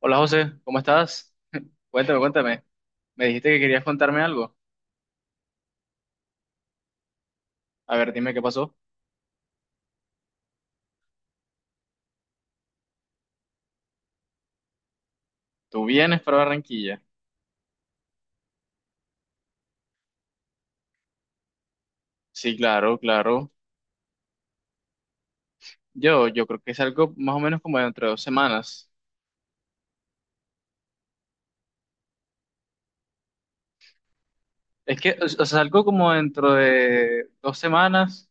Hola José, ¿cómo estás? Cuéntame, cuéntame. Me dijiste que querías contarme algo. A ver, dime qué pasó. ¿Tú vienes para Barranquilla? Sí, claro, claro. Yo creo que salgo más o menos como dentro de dos semanas. Es que, o sea, salgo como dentro de dos semanas.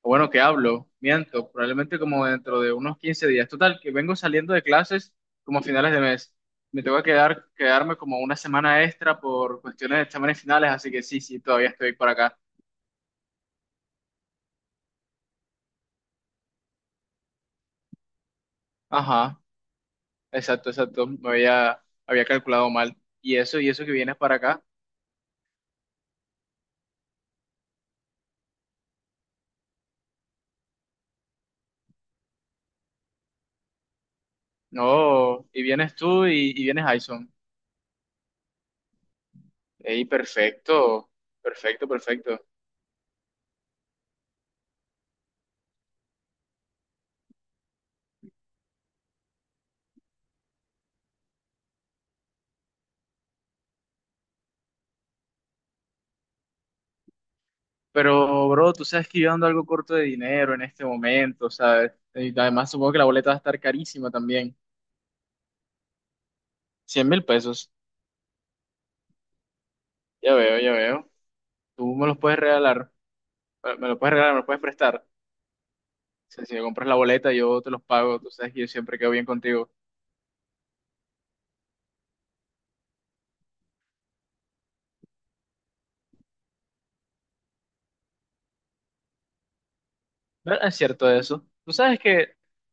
O bueno, que hablo, miento, probablemente como dentro de unos 15 días. Total, que vengo saliendo de clases como a finales de mes. Me tengo que quedar, quedarme como una semana extra por cuestiones de exámenes finales, así que sí, sí, todavía estoy por acá. Ajá. Exacto, exacto. Me había calculado mal. Y eso que vienes para acá. No, y vienes tú y vienes Jason. Ey, perfecto, perfecto, perfecto. Pero, bro, tú sabes que yo ando algo corto de dinero en este momento, ¿sabes? Y además supongo que la boleta va a estar carísima también. 100.000 pesos. Ya veo, ya veo. Tú me los puedes regalar. Me los puedes regalar, me los puedes prestar. O sea, si me compras la boleta, yo te los pago. Tú sabes que yo siempre quedo bien contigo. No, es cierto eso. Tú sabes que,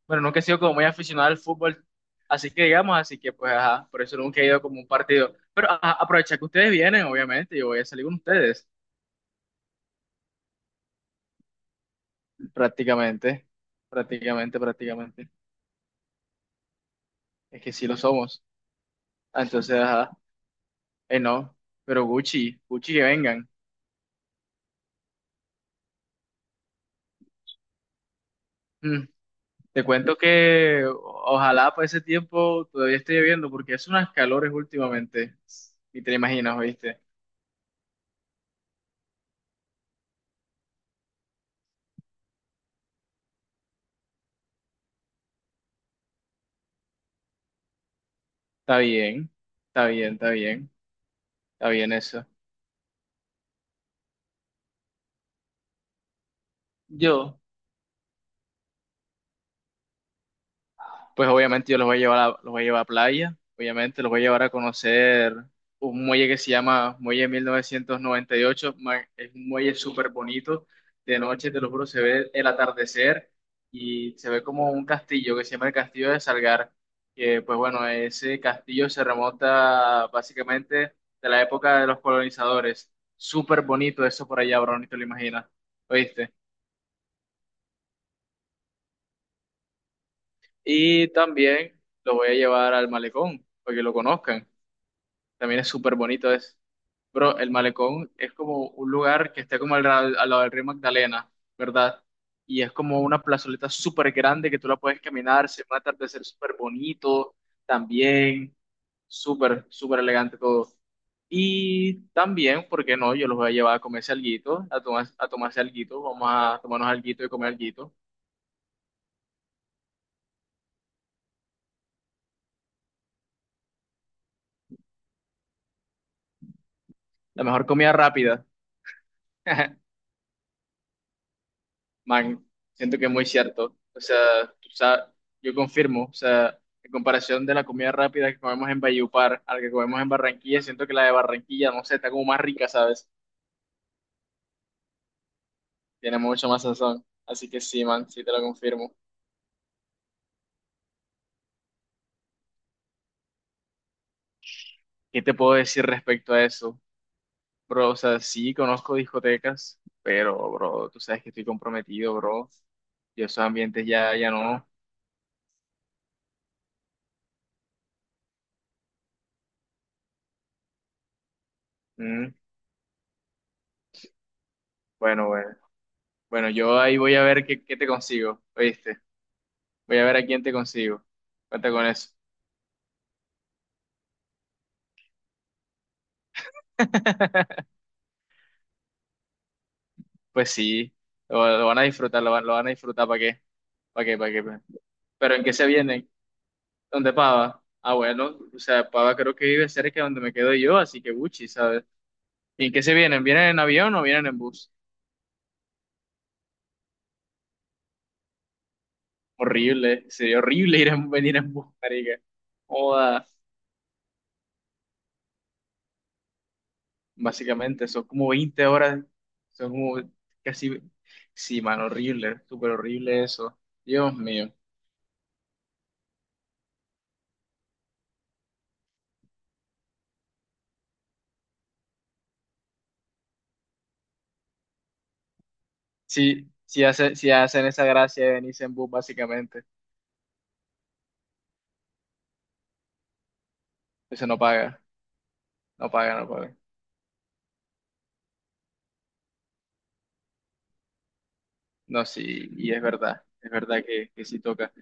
bueno, nunca he sido como muy aficionado al fútbol, así que digamos, así que pues, ajá, por eso nunca he ido como a un partido. Pero ajá, aprovecha que ustedes vienen, obviamente, yo voy a salir con ustedes, prácticamente, prácticamente, prácticamente. Es que sí lo somos. Ah, entonces, ajá, no, pero Gucci, Gucci que vengan. Mm, Te cuento que ojalá para ese tiempo todavía esté lloviendo, porque es unas calores últimamente, y te lo imaginas, ¿oíste? Está bien, está bien, está bien. Está bien eso. Yo, pues obviamente yo los voy a llevar a, los voy a llevar a playa, obviamente los voy a llevar a conocer un muelle que se llama Muelle 1998, es un muelle súper bonito, de noche, te lo juro, se ve el atardecer y se ve como un castillo que se llama el Castillo de Salgar, que pues bueno, ese castillo se remonta básicamente de la época de los colonizadores, súper bonito eso por allá, bro, ni te lo imaginas, ¿oíste? Y también lo voy a llevar al malecón, para que lo conozcan. También es súper bonito eso. Bro, el malecón es como un lugar que está como al lado del río Magdalena, ¿verdad? Y es como una plazoleta súper grande que tú la puedes caminar, se va a atardecer súper bonito también. Súper, súper elegante todo. Y también, ¿por qué no? Yo los voy a llevar a comerse alguito, a, tomar, a tomarse alguito. Vamos a tomarnos alguito y comer alguito. La mejor comida rápida. Man, siento que es muy cierto. O sea, yo confirmo. O sea, en comparación de la comida rápida que comemos en Valledupar a la que comemos en Barranquilla, siento que la de Barranquilla, no sé, está como más rica, ¿sabes? Tiene mucho más sazón. Así que sí, man, sí te lo confirmo. ¿Qué te puedo decir respecto a eso? Bro, o sea, sí conozco discotecas, pero, bro, tú sabes que estoy comprometido, bro. Y esos ambientes ya, ya no. Mm, bueno, bueno. Bueno, yo ahí voy a ver qué te consigo, ¿oíste? Voy a ver a quién te consigo. Cuenta con eso. Pues sí, lo van a disfrutar, lo van a disfrutar, ¿para qué? ¿Para qué? ¿Para qué? ¿Pa' qué? Pero ¿en qué se vienen? ¿Dónde Pava? Ah, bueno, o sea, Pava creo que vive cerca de donde me quedo yo, así que Buchi, ¿sabes? ¿Y en qué se vienen? ¿Vienen en avión o vienen en bus? Horrible, sería horrible ir en, venir en bus, marica. Joda, básicamente, son como 20 horas, son como casi, sí, man, horrible, súper horrible eso. Dios mío. Si si hacen esa gracia de venirse en bus, básicamente, eso no paga, no paga, no paga. No, sí, y es verdad que sí toca.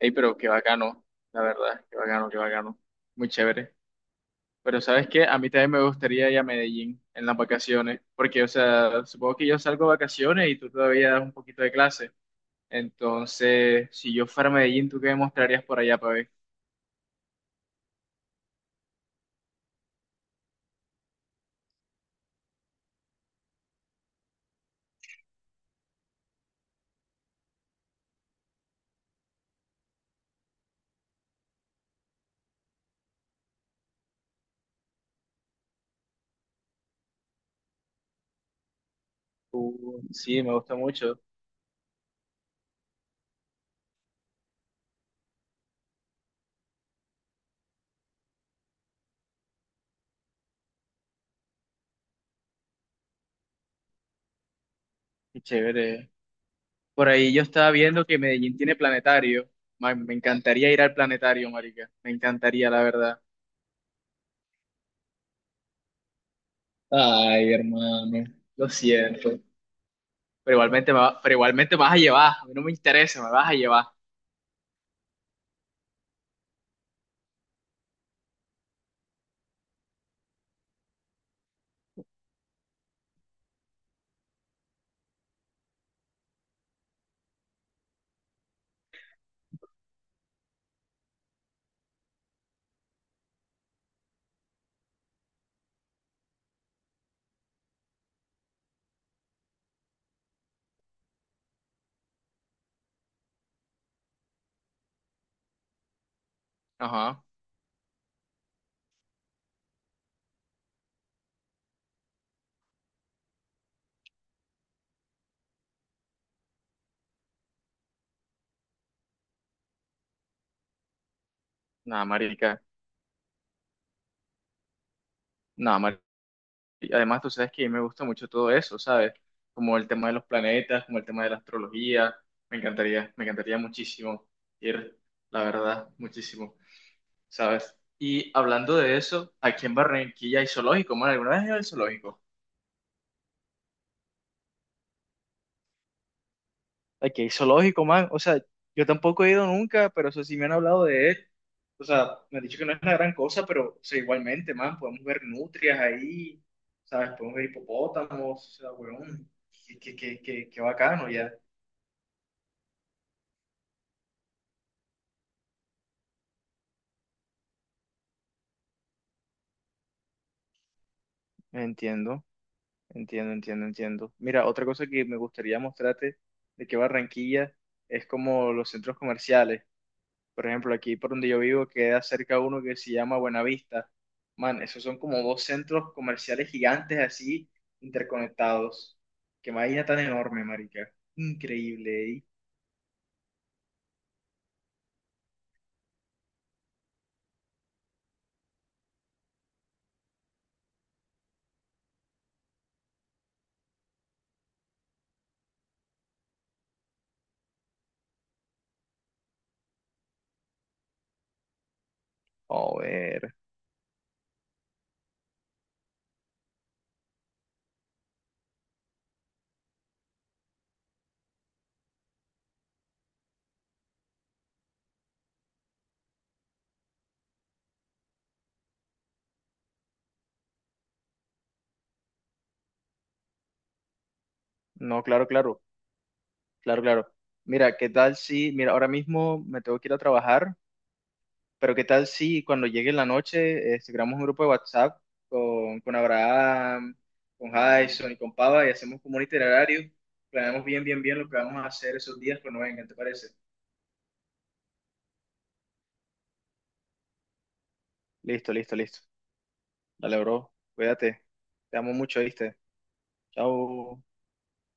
Ey, pero qué bacano, la verdad, qué bacano, qué bacano. Muy chévere. Pero ¿sabes qué? A mí también me gustaría ir a Medellín en las vacaciones, porque, o sea, supongo que yo salgo de vacaciones y tú todavía das un poquito de clase. Entonces, si yo fuera a Medellín, ¿tú qué me mostrarías por allá para ver? Sí, me gusta mucho. Qué chévere. Por ahí yo estaba viendo que Medellín tiene planetario. Man, me encantaría ir al planetario, marica. Me encantaría, la verdad. Ay, hermano, lo siento. Pero igualmente pero igualmente me vas a llevar. A mí no me interesa, me vas a llevar. Ajá. Nada, marica. Nada, marica. Además, tú sabes que a mí me gusta mucho todo eso, ¿sabes? Como el tema de los planetas, como el tema de la astrología. Me encantaría muchísimo ir, la verdad, muchísimo. ¿Sabes? Y hablando de eso, aquí en Barranquilla hay zoológico, man. ¿Alguna vez has ido al zoológico? Aquí hay zoológico, man. O sea, yo tampoco he ido nunca, pero eso sí me han hablado de él. O sea, me han dicho que no es una gran cosa, pero o sea, igualmente, man, podemos ver nutrias ahí, ¿sabes? Podemos ver hipopótamos, o sea, weón, qué bacano ya. Entiendo, entiendo, entiendo, entiendo. Mira, otra cosa que me gustaría mostrarte de que Barranquilla es como los centros comerciales. Por ejemplo, aquí por donde yo vivo queda cerca uno que se llama Buenavista. Man, esos son como dos centros comerciales gigantes así, interconectados. Qué vaina tan enorme, marica. Increíble, ¿eh? Joder. No, claro, claro, claro, claro. Mira, ¿qué tal si, mira, ahora mismo me tengo que ir a trabajar, pero qué tal si cuando llegue la noche creamos un grupo de WhatsApp con Abraham, con Jason y con Pava y hacemos como un itinerario, planeamos bien, bien, bien lo que vamos a hacer esos días cuando vengan, ¿te parece? Listo, listo, listo. Dale, bro. Cuídate. Te amo mucho, ¿viste? Chao.